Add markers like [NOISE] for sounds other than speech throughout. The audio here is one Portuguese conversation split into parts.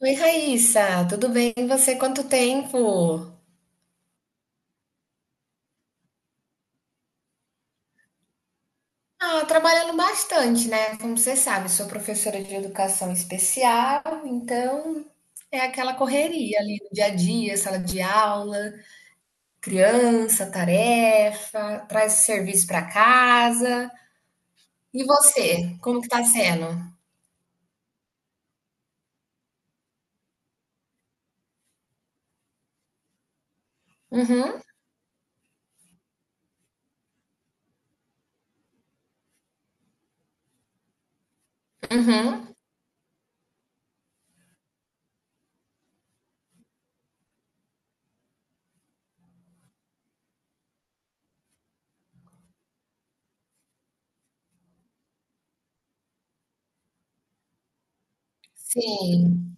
Oi, Raíssa, tudo bem? E você? Quanto tempo? Ah, trabalhando bastante, né? Como você sabe, sou professora de educação especial, então é aquela correria ali no dia a dia, sala de aula, criança, tarefa, traz serviço para casa. E você? Como que tá sendo? Uhum, uhum. Sim,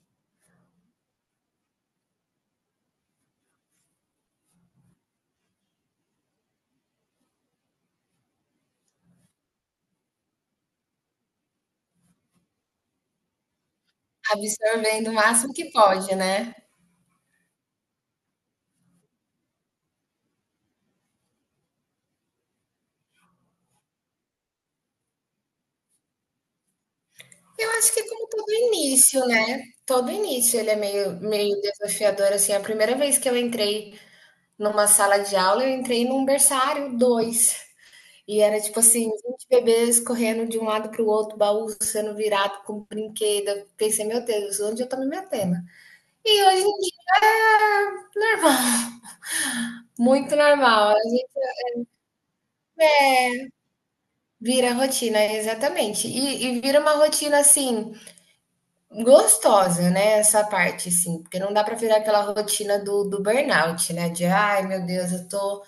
absorvendo o máximo que pode, né? Eu acho que é como todo início, né? Todo início ele é meio desafiador, assim. A primeira vez que eu entrei numa sala de aula, eu entrei num berçário dois. E era tipo assim, 20 bebês correndo de um lado para o outro, baú sendo virado com brinquedo. Eu pensei: "Meu Deus, onde eu tô me metendo?" E hoje em dia é normal, muito normal. A gente vira rotina, exatamente. E vira uma rotina assim, gostosa, né, essa parte, assim, porque não dá para virar aquela rotina do burnout, né, de: "Ai, meu Deus, eu tô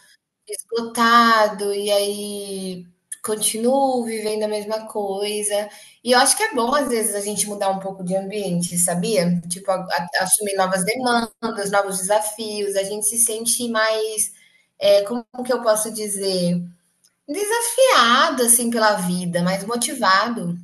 esgotado", e aí continuo vivendo a mesma coisa. E eu acho que é bom, às vezes, a gente mudar um pouco de ambiente, sabia? Tipo, a assumir novas demandas, novos desafios, a gente se sente mais, é como que eu posso dizer? Desafiado, assim, pela vida, mais motivado.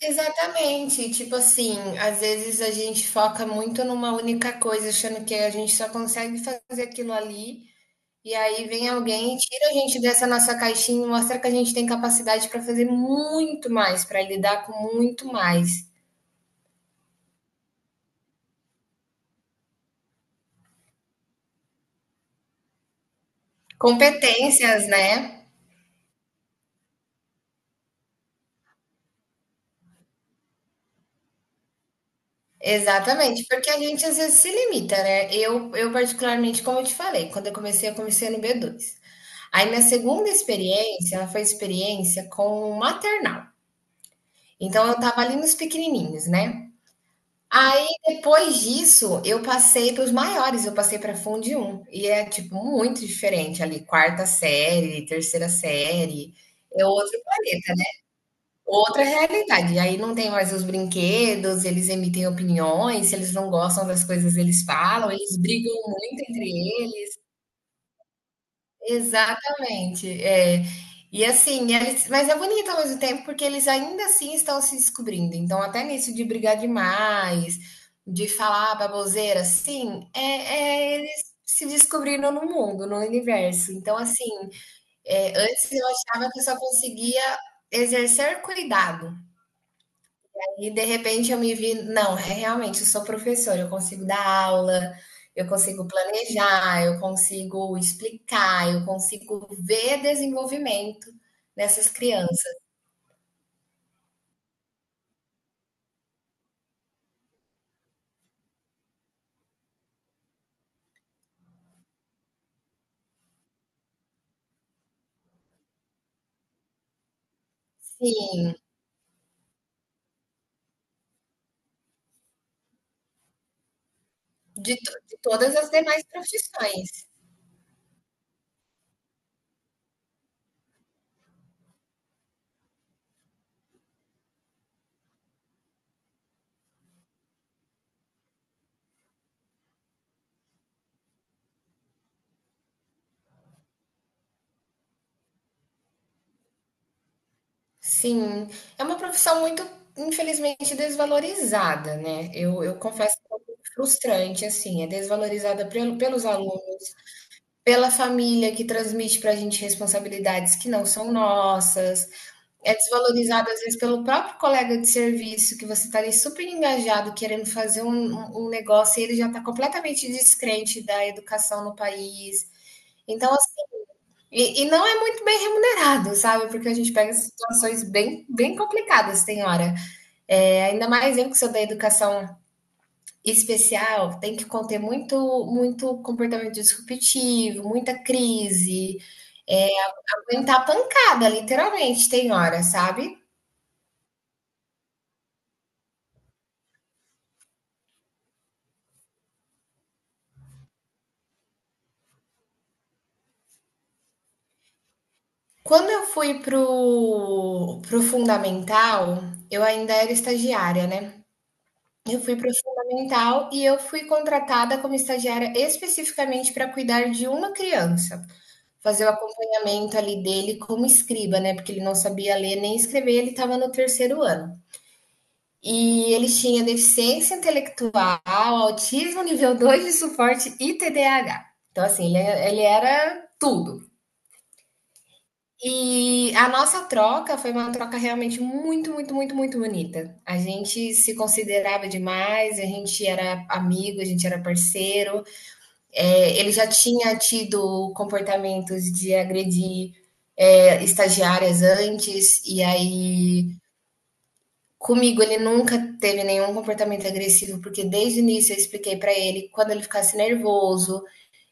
Exatamente. Tipo assim, às vezes a gente foca muito numa única coisa, achando que a gente só consegue fazer aquilo ali, e aí vem alguém e tira a gente dessa nossa caixinha e mostra que a gente tem capacidade para fazer muito mais, para lidar com muito mais. Competências, né? Exatamente, porque a gente às vezes se limita, né? Eu particularmente, como eu te falei, quando eu comecei no b dois. Aí minha segunda experiência, ela foi experiência com maternal. Então eu estava ali nos pequenininhos, né. Aí depois disso, eu passei para os maiores, eu passei para Fundi 1 e é, tipo, muito diferente ali, quarta série, terceira série, é outro planeta, né, outra realidade. E aí não tem mais os brinquedos, eles emitem opiniões, se eles não gostam das coisas, eles falam, eles brigam muito entre eles. Exatamente, é. E assim, eles, mas é bonito ao mesmo tempo, porque eles ainda assim estão se descobrindo, então até nisso de brigar demais, de falar baboseira, assim, é eles se descobrindo no mundo, no universo. Então assim, antes eu achava que eu só conseguia exercer cuidado, e de repente eu me vi, não, é realmente, eu sou professora, eu consigo dar aula, eu consigo planejar, eu consigo explicar, eu consigo ver desenvolvimento nessas crianças. Sim, de todas as demais profissões. Sim, é uma profissão muito, infelizmente, desvalorizada, né? Eu confesso que é um pouco frustrante, assim, é desvalorizada pelo, pelos alunos, pela família que transmite para a gente responsabilidades que não são nossas. É desvalorizado às vezes pelo próprio colega de serviço, que você está ali super engajado, querendo fazer um negócio, e ele já está completamente descrente da educação no país. Então, assim, e não é muito bem remunerado, sabe? Porque a gente pega situações bem, bem complicadas, tem hora. É, ainda mais eu que sou da educação especial, tem que conter muito, muito comportamento disruptivo, muita crise, é, aguentar pancada, literalmente, tem hora, sabe? Quando eu fui pro fundamental, eu ainda era estagiária, né. Eu fui pro fundamental e eu fui contratada como estagiária especificamente para cuidar de uma criança, fazer o acompanhamento ali dele como escriba, né, porque ele não sabia ler nem escrever, ele estava no 3º ano. E ele tinha deficiência intelectual, autismo nível 2 de suporte e TDAH. Então assim, ele é, ele era tudo. E a nossa troca foi uma troca realmente muito, muito, muito, muito bonita. A gente se considerava demais, a gente era amigo, a gente era parceiro. É, ele já tinha tido comportamentos de agredir estagiárias antes, e aí comigo, ele nunca teve nenhum comportamento agressivo, porque desde o início eu expliquei para ele: quando ele ficasse nervoso,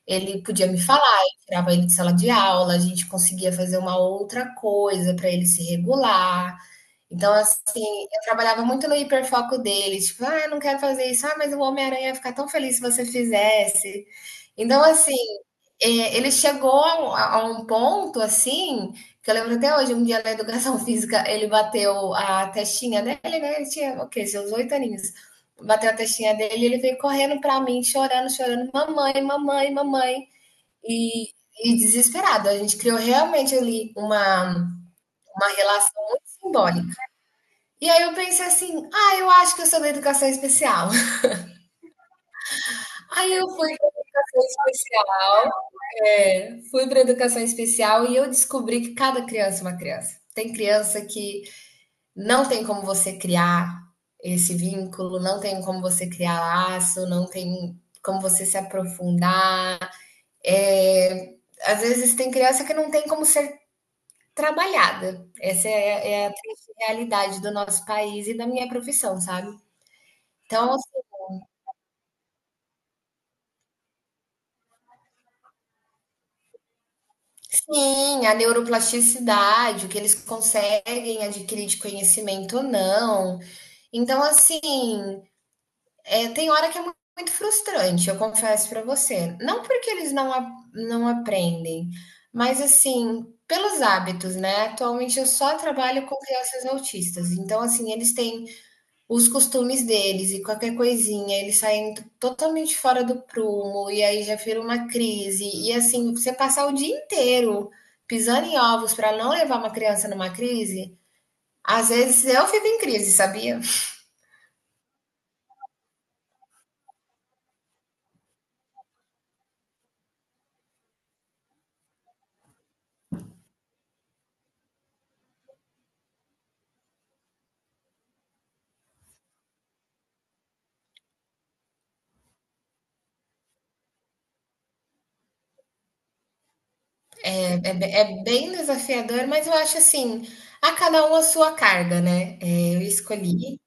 ele podia me falar, eu tirava ele de sala de aula, a gente conseguia fazer uma outra coisa para ele se regular. Então, assim, eu trabalhava muito no hiperfoco dele, tipo, ah, eu não quero fazer isso, ah, mas o Homem-Aranha ia ficar tão feliz se você fizesse. Então, assim, ele chegou a a um ponto assim, que eu lembro até hoje, um dia na educação [LAUGHS] física, ele bateu a testinha dele, né? Ele tinha, o quê? Seus 8 aninhos. Bateu a testinha dele, e ele veio correndo pra mim, chorando, chorando, mamãe, mamãe, mamãe e, e desesperado. A gente criou realmente ali uma relação muito simbólica. E aí eu pensei assim, ah, eu acho que eu sou da educação especial. [LAUGHS] Aí eu fui para fui para educação especial e eu descobri que cada criança é uma criança. Tem criança que não tem como você criar esse vínculo, não tem como você criar laço, não tem como você se aprofundar. É, às vezes tem criança que não tem como ser trabalhada. Essa é a triste realidade do nosso país e da minha profissão, sabe. Então, sim, a neuroplasticidade, o que eles conseguem adquirir de conhecimento ou não. Então, assim, tem hora que é muito muito frustrante, eu confesso para você. Não porque eles não a não aprendem, mas, assim, pelos hábitos, né. Atualmente eu só trabalho com crianças autistas, então, assim, eles têm os costumes deles e qualquer coisinha, eles saem totalmente fora do prumo e aí já vira uma crise. E assim, você passar o dia inteiro pisando em ovos para não levar uma criança numa crise, às vezes eu fico em crise, sabia? É, é bem desafiador, mas eu acho assim, a cada um a sua carga, né? É, eu escolhi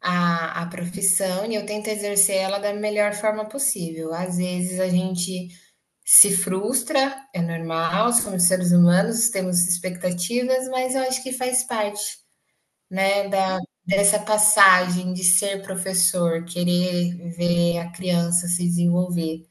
a profissão e eu tento exercer ela da melhor forma possível. Às vezes a gente se frustra, é normal, somos seres humanos, temos expectativas, mas eu acho que faz parte, né, da, dessa passagem de ser professor, querer ver a criança se desenvolver.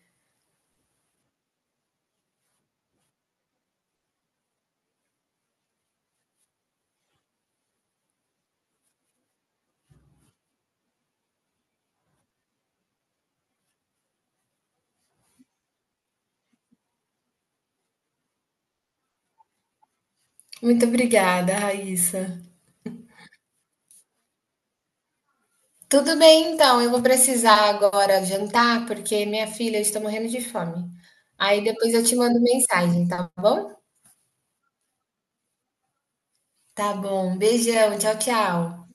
Muito obrigada, Raíssa. Tudo bem, então, eu vou precisar agora jantar, porque minha filha está morrendo de fome. Aí depois eu te mando mensagem, tá bom? Tá bom, beijão, tchau, tchau.